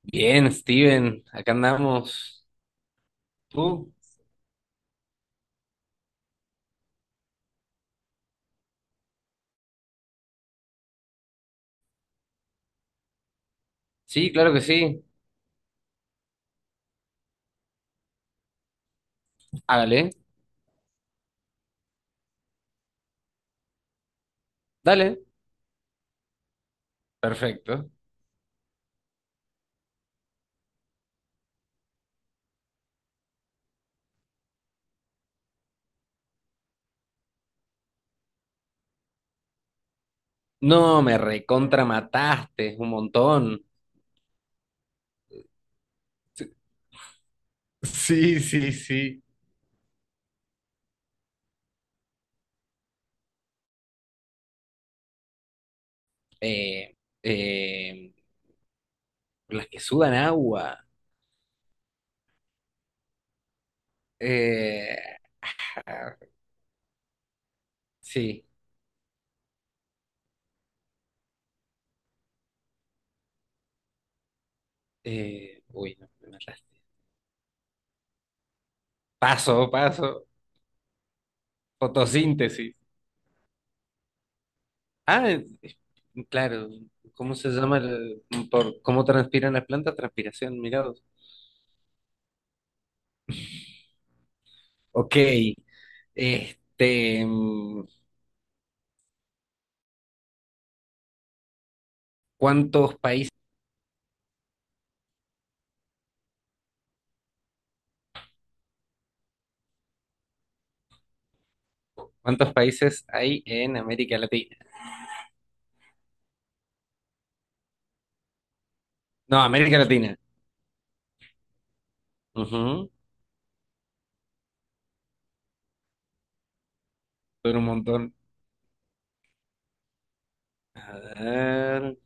Bien, Steven, acá andamos. ¿Tú? Sí, claro que sí. Hágale, dale. Perfecto. No, me recontra mataste un montón. Sí, sí, sí. Eh, eh, las que sudan agua. Eh, ah, sí. Uy, no, me mataste. Paso, paso. Fotosíntesis. Ah, claro. ¿Cómo se llama por cómo transpiran las plantas? Transpiración, mirados. Ok. Este, ¿cuántos países hay en América Latina? No, América Latina. Ujú, son un montón. A ver.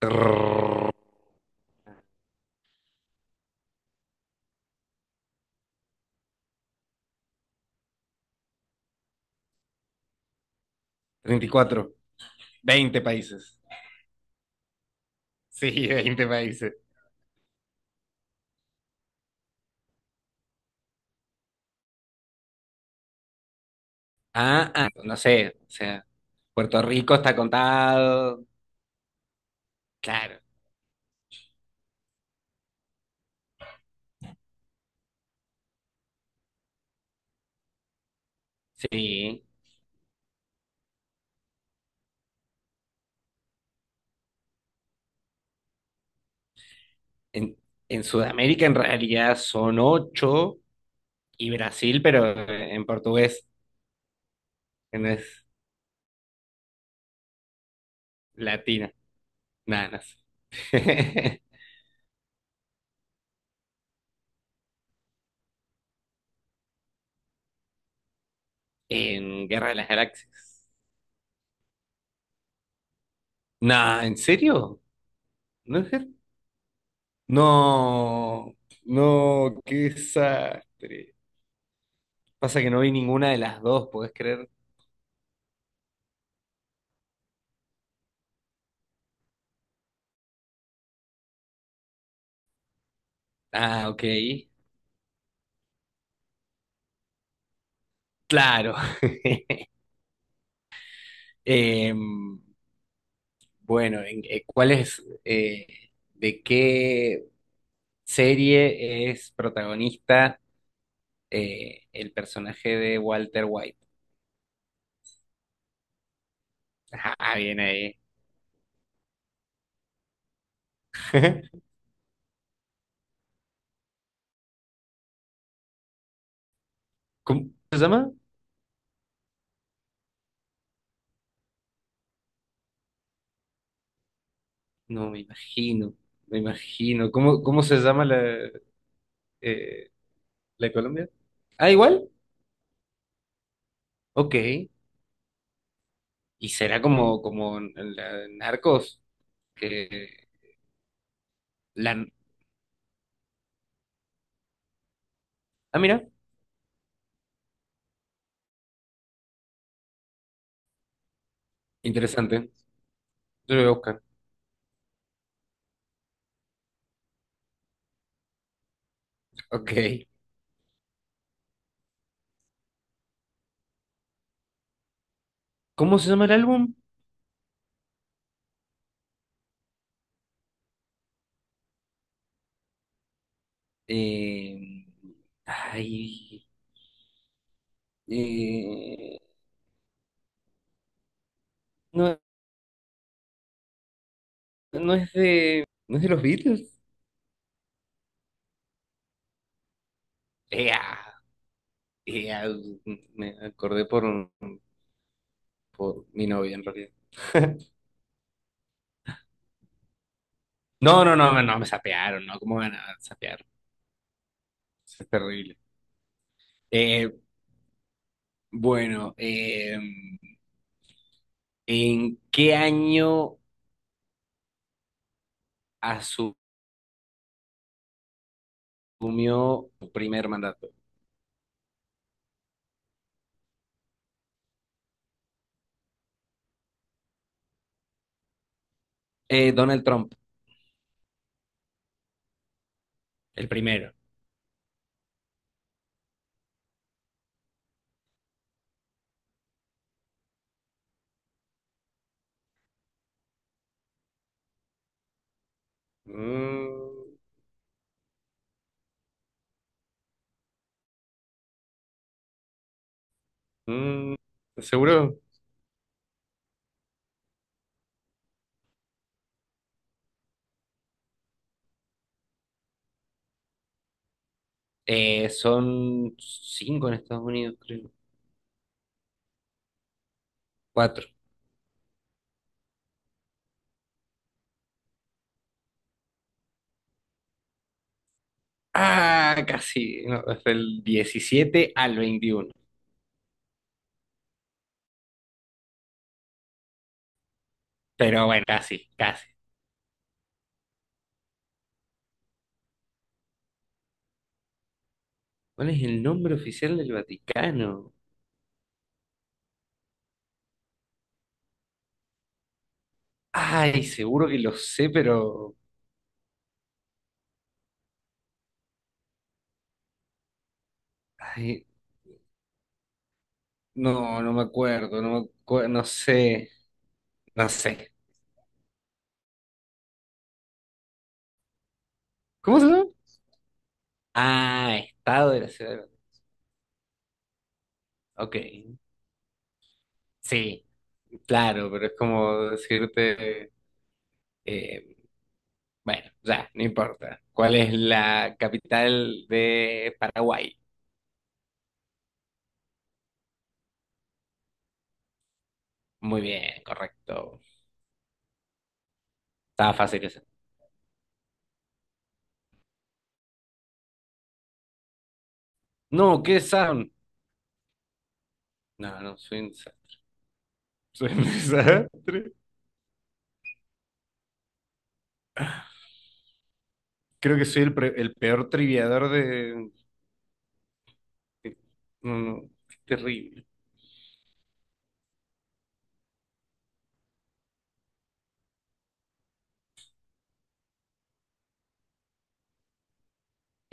Trrr, 34. 20 países. Sí, 20 países. Ah, ah, no sé, o sea, Puerto Rico está contado. Claro, sí. En, en Sudamérica en realidad son 8 y Brasil, pero en portugués, que no es latina. Nada, no sé. En Guerra de las Galaxias. Nah, ¿en serio? ¿No es Ger- No, no, qué desastre. Pasa que no vi ninguna de las dos, ¿podés creer? Ah, ok. Claro. Em, bueno, ¿de qué serie es protagonista el personaje de Walter White? Ah, bien ahí. ¿Cómo se llama? No, me imagino, me imagino. ¿Cómo se llama eh, la de Colombia? Ah, igual. Ok. Y será como en la en Narcos, que la... Ah, mira, interesante. Yo lo voy a buscar. Ok. ¿Cómo se llama el álbum? Eh, Ay... eh, No, ¿No es de los Beatles? Ea, ea, me acordé por mi novia en realidad. No, no, no, no, me sapearon, ¿no? ¿Cómo van a sapear? Eso es terrible. Eh, bueno, ¿en qué año asumió su primer mandato? Donald Trump, el primero. Mm, mm, ¿Seguro? Son cinco en Estados Unidos, creo. Cuatro. Ah, casi. No, es del 17 al 21. Pero bueno, casi, casi. ¿Cuál es el nombre oficial del Vaticano? Ay, seguro que lo sé, pero... Ay, no, no me acuerdo, no me acuerdo, no sé, no sé. ¿Cómo se llama? Ah, Estado de la Ciudad de México. Ok, sí, claro, pero es como decirte... eh, bueno, ya, no importa. ¿Cuál es la capital de Paraguay? Muy bien, correcto. Estaba fácil eso. No, ¿qué es Sound? No, no, soy un desastre. Creo que soy el peor triviador de. Qué- No, no, qué terrible.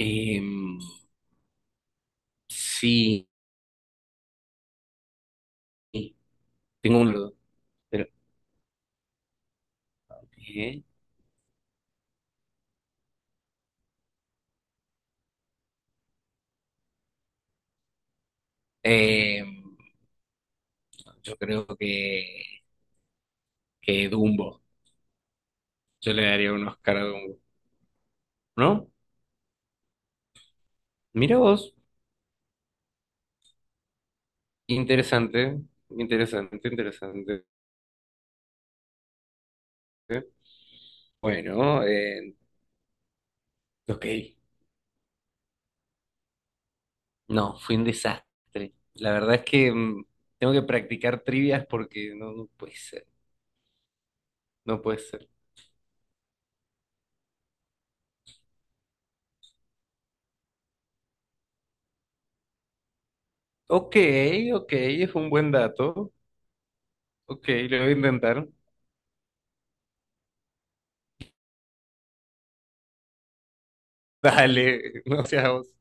Em, sí, tengo un pero, ¿eh? Em, yo creo que Dumbo. Yo le daría un Oscar a Dumbo. ¿No? Mira vos. Interesante, interesante, interesante. Bueno, ok. No, fue un desastre. La verdad es que tengo que practicar trivias porque no, no puede ser. No puede ser. Ok, ok, es un buen dato. Ok, lo voy a intentar. Dale, no seas vos.